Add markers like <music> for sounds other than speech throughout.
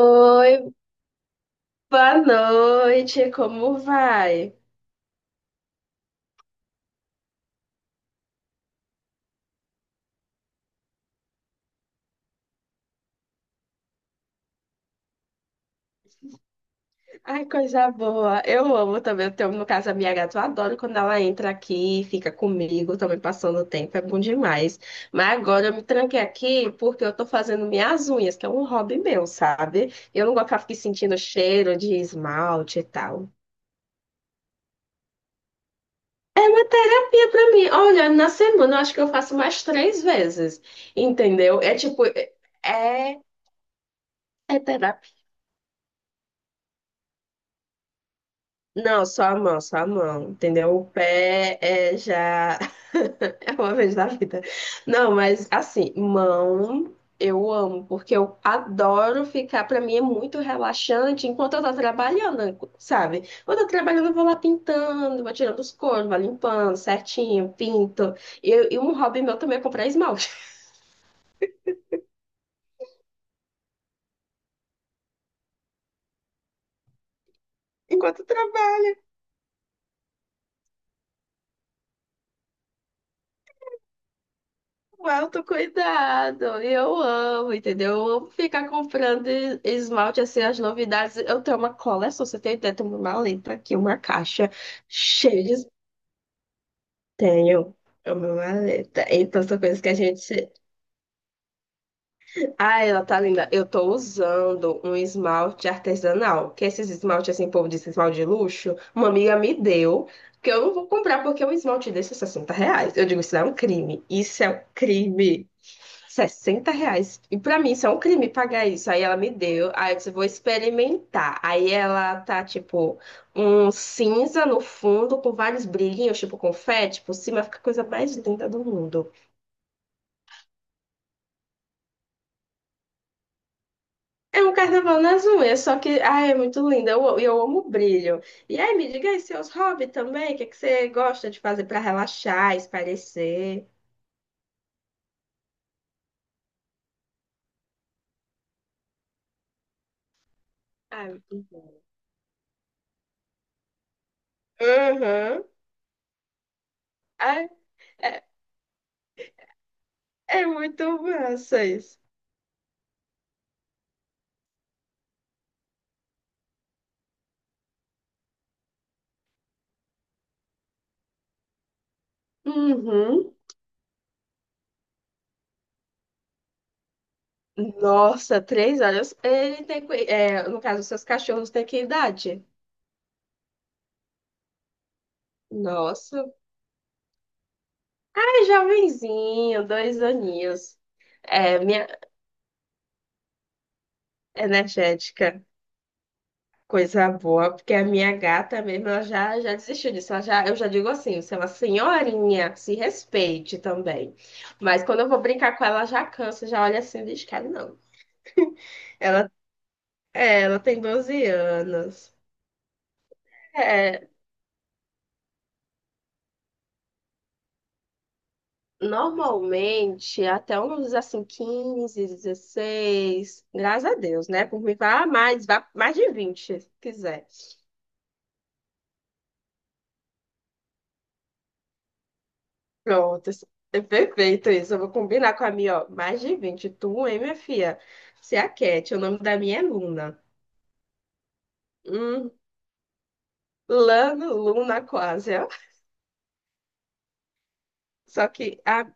Oi, boa noite, como vai? Ai, coisa boa. Eu amo também. Eu tenho, no caso, a minha gata, eu adoro quando ela entra aqui, fica comigo, também passando o tempo, é bom demais. Mas agora eu me tranquei aqui porque eu tô fazendo minhas unhas, que é um hobby meu, sabe? Eu não gosto de ficar aqui sentindo cheiro de esmalte e tal. É uma terapia pra mim. Olha, na semana eu acho que eu faço mais 3 vezes, entendeu? É tipo, é terapia. Não, só a mão, entendeu? O pé é já. <laughs> É uma vez na vida. Não, mas assim, mão eu amo, porque eu adoro ficar. Pra mim é muito relaxante enquanto eu tô trabalhando, sabe? Quando eu tô trabalhando, eu vou lá pintando, vou tirando os coros, vou limpando certinho, pinto. E um hobby meu também é comprar esmalte <laughs> enquanto eu trabalho. O autocuidado, eu amo, entendeu? Eu amo ficar comprando esmalte, assim, as novidades. Eu tenho uma coleção, você tem ideia? Eu tenho uma maleta aqui, uma caixa cheia de. Tenho é uma maleta. Então, são coisas que a gente... Ah, ela tá linda. Eu tô usando um esmalte artesanal, que é esses esmalte, assim, o povo disse esmalte de luxo, uma amiga me deu, que eu não vou comprar, porque um esmalte desse é R$ reais. Eu digo, isso é um crime. Isso é um crime. R$ 60. E pra mim isso é um crime pagar isso. Aí ela me deu. Aí eu disse, vou experimentar. Aí ela tá, tipo, um cinza no fundo com vários brilhinhos, tipo confete por cima. Fica a coisa mais linda do mundo. É um carnaval nas unhas, só que, ai, é muito linda. Eu amo brilho. E aí, me diga aí seus hobbies também. O que, é que você gosta de fazer pra relaxar, espairecer? Ai, muito bom. Uhum. Ai, é, é muito massa isso. Uhum. Nossa, três horas. Ele tem, é, no caso, seus cachorros têm que idade? Nossa, é jovenzinho, dois aninhos. É, minha energética, coisa boa, porque a minha gata mesmo, ela já, já desistiu disso. Ela já, eu já digo assim, você é uma senhorinha, se respeite também. Mas quando eu vou brincar com ela, ela já cansa, já olha assim, diz, cara, não. Ela, é, ela tem 12 anos. É, normalmente, até uns assim, 15, 16, graças a Deus, né? Por mim, vá mais de 20, se quiser. Pronto, assim, é perfeito isso. Eu vou combinar com a minha, ó, mais de 20. Tu, hein, minha filha? Você é a Cat, o nome da minha é Luna. Hum, Lano, Luna quase, ó. Só que, ah,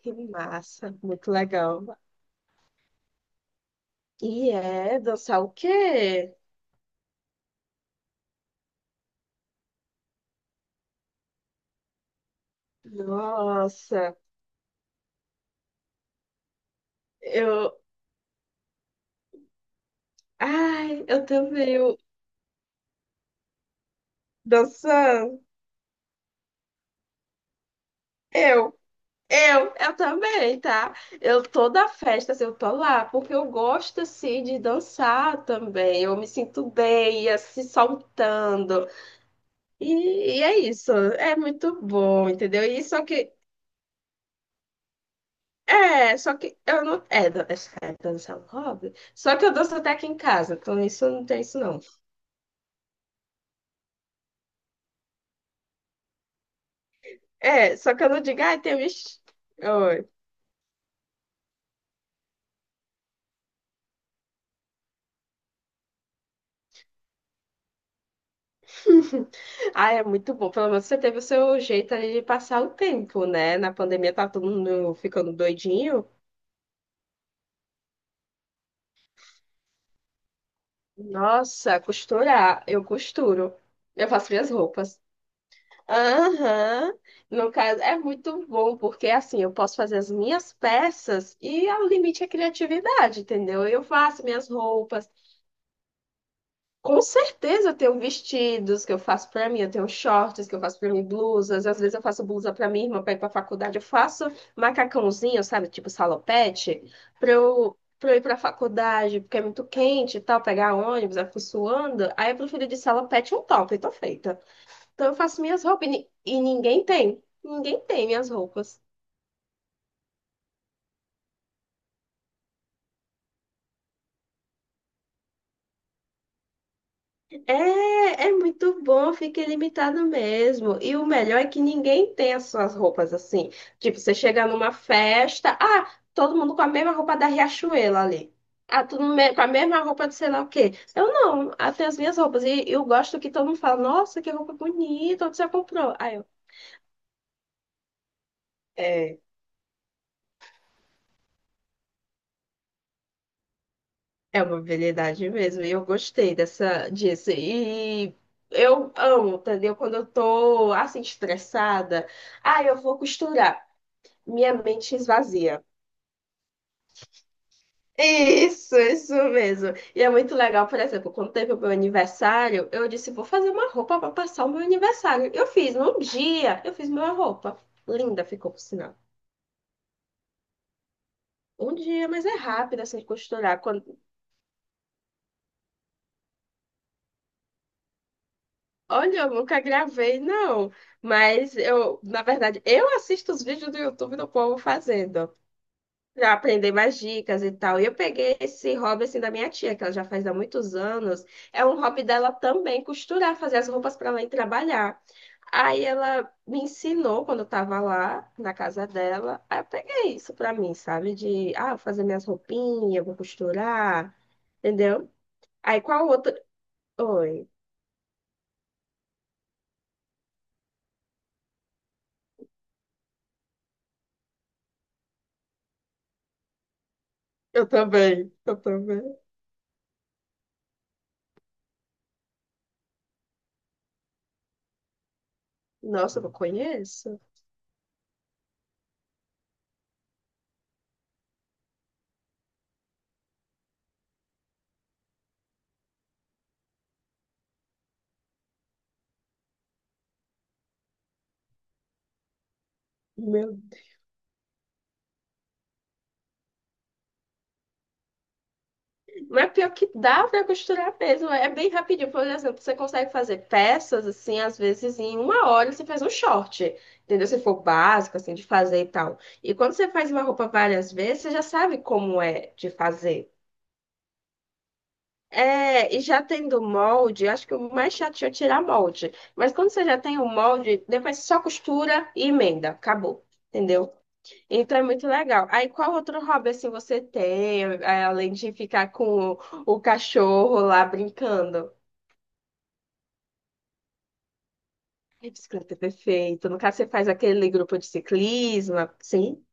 que massa, muito legal. E é dançar o quê? Nossa, eu, ai, eu também, dançar. Eu, eu também, tá? Eu toda festa, assim, eu tô lá, porque eu gosto, assim, de dançar também. Eu me sinto bem, assim, soltando. E, e é isso, é muito bom, entendeu? E só que, é, só que eu não. É, é dançar um hobby. Só que eu danço até aqui em casa, então isso não tem isso não. É, só que eu não digo, ai, tem um. <laughs> Ah, é muito bom. Pelo menos você teve o seu jeito ali de passar o tempo, né? Na pandemia tá todo mundo ficando doidinho. Nossa, costurar. Eu costuro. Eu faço minhas roupas. Aham. No caso, é muito bom, porque assim, eu posso fazer as minhas peças e o limite é criatividade, entendeu? Eu faço minhas roupas. Com certeza eu tenho vestidos que eu faço pra mim, eu tenho shorts que eu faço pra mim, blusas, às vezes eu faço blusa pra minha irmã pra ir pra faculdade, eu faço macacãozinho, sabe, tipo salopete, pra eu ir pra faculdade, porque é muito quente e tal, pegar ônibus, eu fico suando, aí eu prefiro de salopete um top, e tô feita. Então eu faço minhas roupas e ninguém tem minhas roupas. É, é muito bom, fica ilimitado mesmo. E o melhor é que ninguém tem as suas roupas assim. Tipo, você chega numa festa, ah, todo mundo com a mesma roupa da Riachuelo ali. Ah, tudo com a mesma roupa de sei lá o quê. Eu não, ah, tenho as minhas roupas. E eu gosto que todo mundo fala, nossa, que roupa bonita, onde você comprou? Aí eu, é, é uma habilidade mesmo. E eu gostei dessa, disso. E eu amo, entendeu? Quando eu tô assim, estressada, ah, eu vou costurar. Minha mente esvazia. Isso mesmo. E é muito legal, por exemplo, quando teve o meu aniversário, eu disse, vou fazer uma roupa para passar o meu aniversário. Eu fiz, num dia, eu fiz minha roupa. Linda ficou, por sinal. Um dia, mas é rápido assim de costurar. Quando... Olha, eu nunca gravei, não. Mas eu, na verdade, eu assisto os vídeos do YouTube do povo fazendo. Pra aprender mais dicas e tal. E eu peguei esse hobby assim da minha tia, que ela já faz há muitos anos. É um hobby dela também costurar, fazer as roupas para ela ir trabalhar. Aí ela me ensinou quando eu tava lá na casa dela. Aí eu peguei isso pra mim, sabe? De ah, vou fazer minhas roupinhas, vou costurar, entendeu? Aí qual outro? Oi. Eu também, eu também. Nossa, eu não conheço. Meu. Mas pior que dá pra costurar mesmo, é bem rapidinho. Por exemplo, você consegue fazer peças, assim, às vezes em uma hora você faz um short, entendeu? Se for básico, assim, de fazer e tal. E quando você faz uma roupa várias vezes, você já sabe como é de fazer. É, e já tendo molde, eu acho que o mais chato é tirar molde. Mas quando você já tem o molde, depois você só costura e emenda, acabou, entendeu? Então é muito legal. Aí qual outro hobby assim você tem, é, além de ficar com o cachorro lá brincando? Ai, bicicleta é perfeito. No caso, você faz aquele grupo de ciclismo, sim?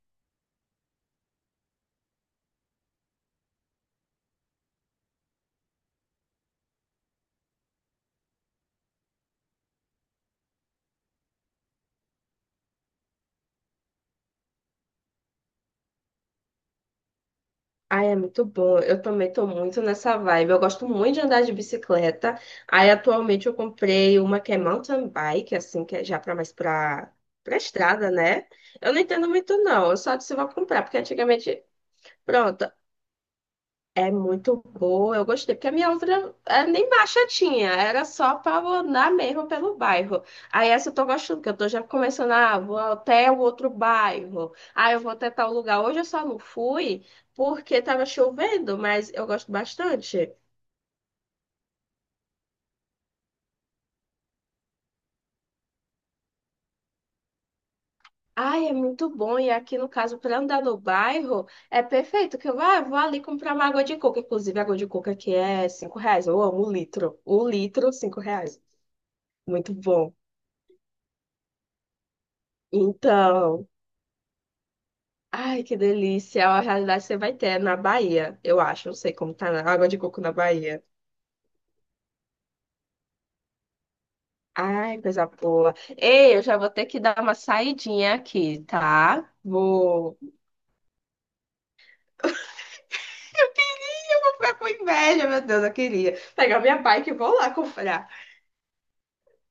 Ai, é muito bom. Eu também tô muito nessa vibe. Eu gosto muito de andar de bicicleta. Aí atualmente eu comprei uma que é mountain bike, assim, que é já para mais para para estrada, né? Eu não entendo muito não. Eu só disse vou comprar, porque antigamente... Pronto, é muito boa, eu gostei, porque a minha outra é, nem marcha tinha, era só pra eu andar mesmo pelo bairro. Aí essa eu tô gostando, porque eu tô já começando, ah, vou até o outro bairro, ah, eu vou até tal lugar. Hoje eu só não fui porque tava chovendo, mas eu gosto bastante. Ai, é muito bom, e aqui no caso, pra andar no bairro, é perfeito, que eu ah, vou ali comprar uma água de coco, inclusive água de coco aqui é R$ 5, eu amo um litro, R$ 5, muito bom. Então... Ai, que delícia. A realidade que você vai ter na Bahia, eu acho. Não sei como tá a água de coco na Bahia. Ai, coisa boa. Ei, eu já vou ter que dar uma saidinha aqui, tá? Vou. <laughs> Eu queria, eu vou ficar com inveja, meu Deus, eu queria. Pegar minha bike e vou lá comprar.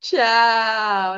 Tchau!